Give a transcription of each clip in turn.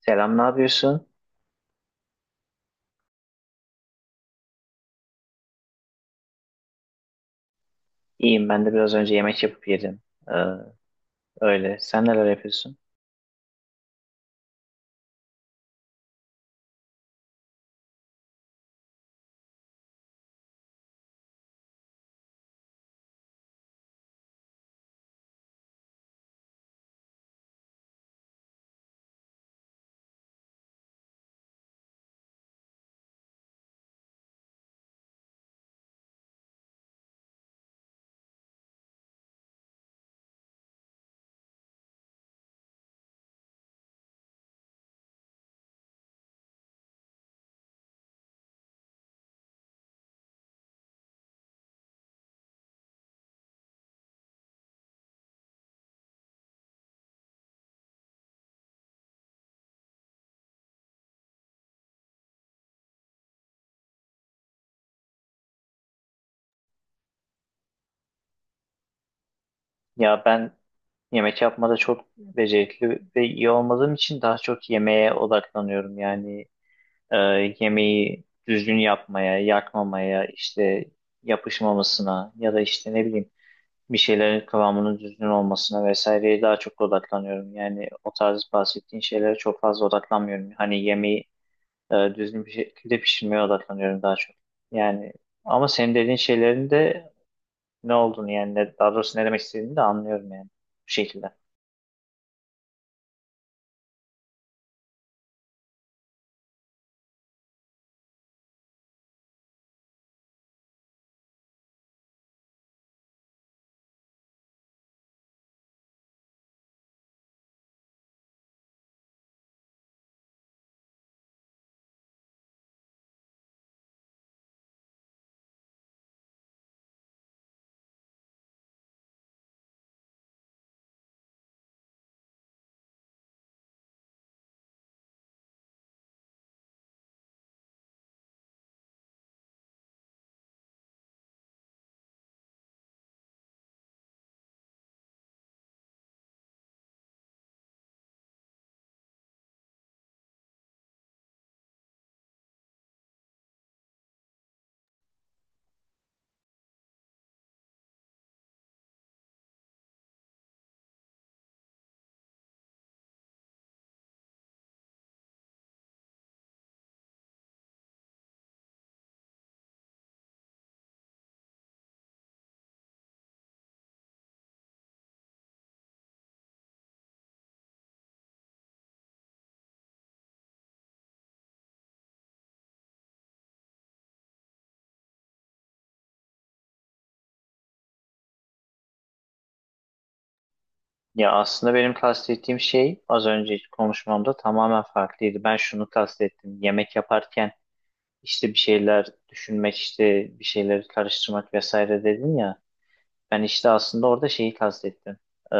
Selam, ne yapıyorsun? İyiyim, ben de biraz önce yemek yapıp yedim. Ee, öyle. Sen neler yapıyorsun? Ya ben yemek yapmada çok becerikli ve iyi olmadığım için daha çok yemeğe odaklanıyorum. Yani e, yemeği düzgün yapmaya, yakmamaya, işte yapışmamasına ya da işte ne bileyim bir şeylerin kıvamının düzgün olmasına vesaireye daha çok odaklanıyorum. Yani o tarz bahsettiğin şeylere çok fazla odaklanmıyorum. Hani yemeği düzgün bir şekilde pişirmeye odaklanıyorum daha çok. Yani ama senin dediğin şeylerin de ne olduğunu yani daha doğrusu ne demek istediğini de anlıyorum, yani bu şekilde. Ya aslında benim kastettiğim şey az önce konuşmamda tamamen farklıydı. Ben şunu kastettim. Yemek yaparken işte bir şeyler düşünmek, işte bir şeyleri karıştırmak vesaire dedin ya. Ben işte aslında orada şeyi kastettim. Ee,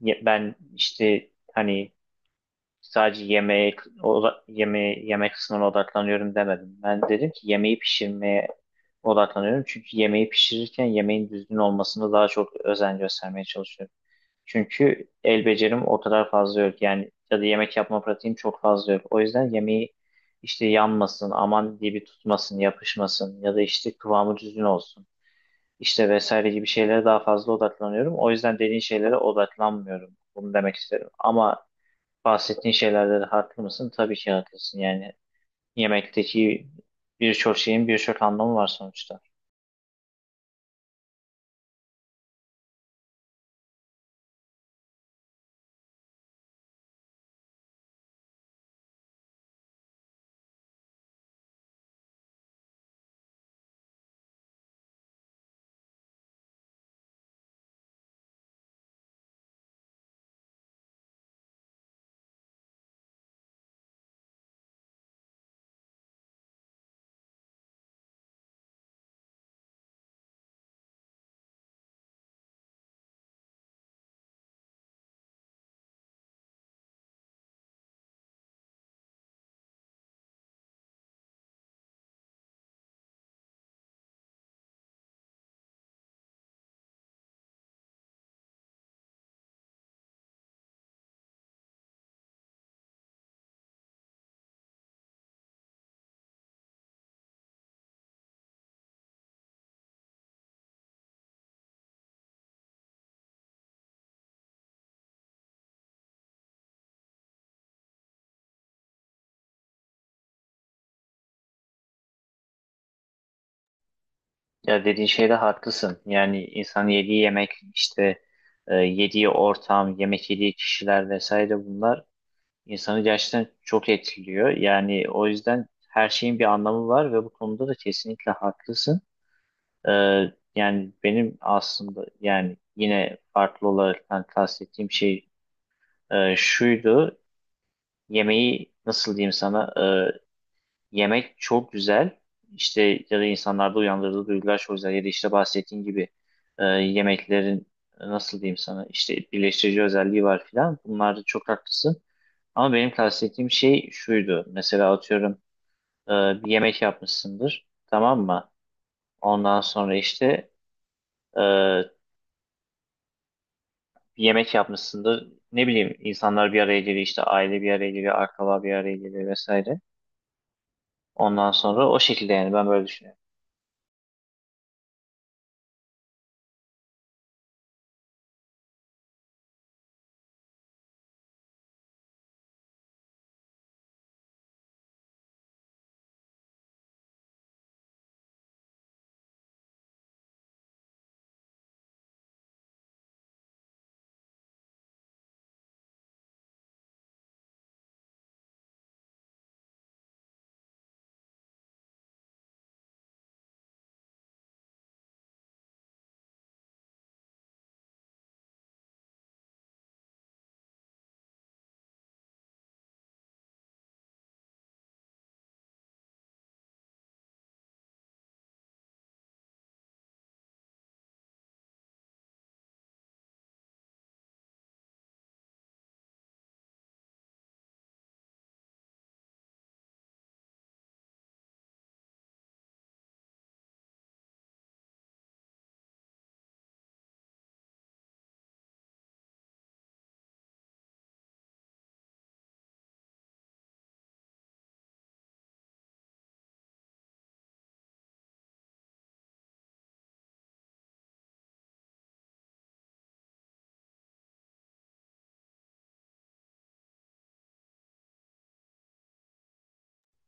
ben işte hani sadece yemeğe yemeğe yemek kısmına odaklanıyorum demedim. Ben dedim ki yemeği pişirmeye odaklanıyorum. Çünkü yemeği pişirirken yemeğin düzgün olmasına daha çok özen göstermeye çalışıyorum. Çünkü el becerim o kadar fazla yok. Yani ya da yemek yapma pratiğim çok fazla yok. O yüzden yemeği işte yanmasın, aman diye bir tutmasın, yapışmasın ya da işte kıvamı düzgün olsun. İşte vesaire gibi şeylere daha fazla odaklanıyorum. O yüzden dediğin şeylere odaklanmıyorum. Bunu demek isterim. Ama bahsettiğin şeylerde de haklı mısın? Tabii ki haklısın. Yani yemekteki birçok şeyin birçok anlamı var sonuçta. Ya dediğin şeyde haklısın. Yani insan yediği yemek, işte yediği ortam, yemek yediği kişiler vesaire bunlar insanı gerçekten çok etkiliyor. Yani o yüzden her şeyin bir anlamı var ve bu konuda da kesinlikle haklısın. E, yani benim aslında, yani yine farklı olarak kastettiğim şey şuydu. Yemeği nasıl diyeyim sana, yemek çok güzel işte, ya da insanlarda uyandırdığı duygular çok güzel, ya da işte bahsettiğin gibi yemeklerin nasıl diyeyim sana, işte birleştirici özelliği var filan, bunlarda çok haklısın. Ama benim kastettiğim şey şuydu: mesela atıyorum bir yemek yapmışsındır, tamam mı? Ondan sonra işte e, bir yemek yapmışsındır, ne bileyim insanlar bir araya geliyor, işte aile bir araya geliyor, akraba bir araya geliyor vesaire. Ondan sonra o şekilde, yani ben böyle düşünüyorum.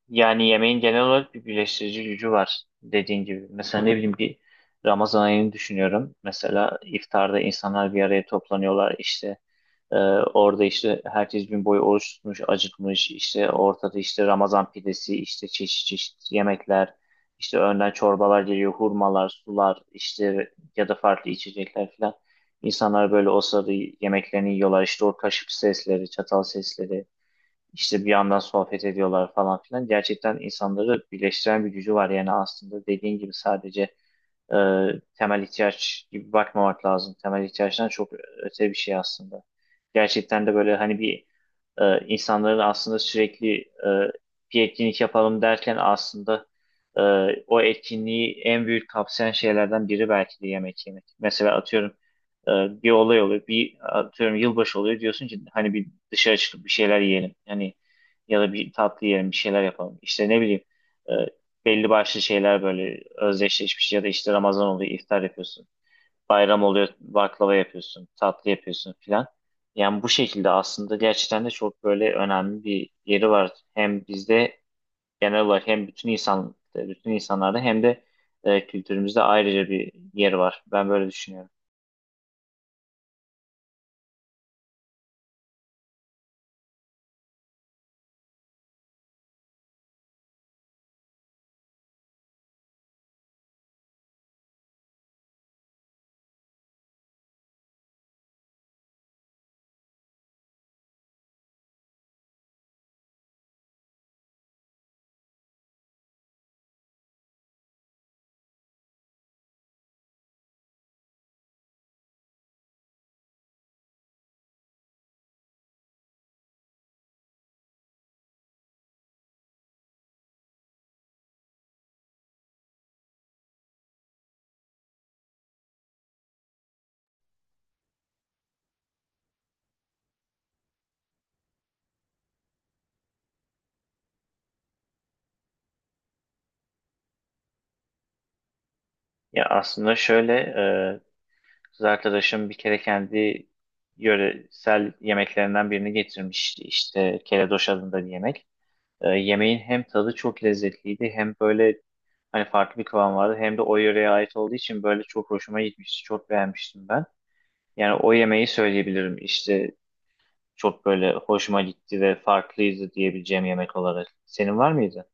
Yani yemeğin genel olarak bir birleştirici gücü var, dediğin gibi. Mesela ne bileyim bir Ramazan ayını düşünüyorum. Mesela iftarda insanlar bir araya toplanıyorlar, işte e, orada işte herkes gün boyu oruç tutmuş, acıkmış. İşte ortada işte Ramazan pidesi, işte çeşit çeşit yemekler, işte önden çorbalar geliyor, hurmalar, sular işte, ya da farklı içecekler falan. İnsanlar böyle o sırada yemeklerini yiyorlar. İşte o kaşık sesleri, çatal sesleri. İşte bir yandan sohbet ediyorlar falan filan. Gerçekten insanları birleştiren bir gücü var. Yani aslında dediğin gibi sadece e, temel ihtiyaç gibi bakmamak lazım. Temel ihtiyaçtan çok öte bir şey aslında. Gerçekten de böyle hani bir insanların aslında sürekli bir etkinlik yapalım derken aslında e, o etkinliği en büyük kapsayan şeylerden biri belki de yemek yemek. Mesela atıyorum e, bir olay oluyor, bir atıyorum yılbaşı oluyor, diyorsun ki hani bir dışarı çıkıp bir şeyler yiyelim. Hani ya da bir tatlı yiyelim, bir şeyler yapalım. İşte ne bileyim e, belli başlı şeyler böyle özdeşleşmiş, ya da işte Ramazan oluyor, iftar yapıyorsun. Bayram oluyor, baklava yapıyorsun, tatlı yapıyorsun filan. Yani bu şekilde aslında gerçekten de çok böyle önemli bir yeri var. Hem bizde genel olarak hem bütün insan bütün insanlarda, hem de kültürümüzde ayrıca bir yeri var. Ben böyle düşünüyorum. Ya aslında şöyle, e, kız arkadaşım bir kere kendi yöresel yemeklerinden birini getirmişti. İşte keledoş adında bir yemek. Yemeğin hem tadı çok lezzetliydi, hem böyle hani farklı bir kıvam vardı, hem de o yöreye ait olduğu için böyle çok hoşuma gitmişti. Çok beğenmiştim ben. Yani o yemeği söyleyebilirim. İşte çok böyle hoşuma gitti ve farklıydı diyebileceğim yemek olarak. Senin var mıydı?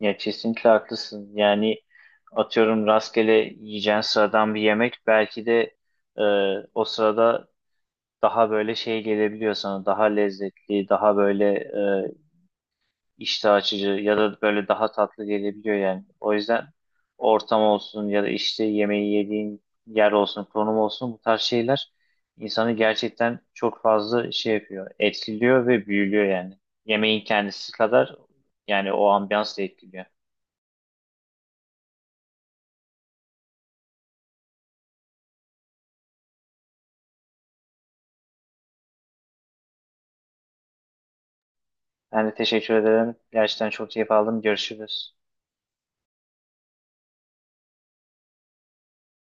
Ya kesinlikle haklısın. Yani atıyorum rastgele yiyeceğin sıradan bir yemek belki de e, o sırada daha böyle şey gelebiliyor sana. Daha lezzetli, daha böyle iştah açıcı ya da böyle daha tatlı gelebiliyor yani. O yüzden ortam olsun ya da işte yemeği yediğin yer olsun, konum olsun, bu tarz şeyler insanı gerçekten çok fazla şey yapıyor, etkiliyor ve büyülüyor yani. Yemeğin kendisi kadar yani o ambiyans da etkiliyor. Ben de teşekkür ederim. Gerçekten çok keyif aldım. Görüşürüz.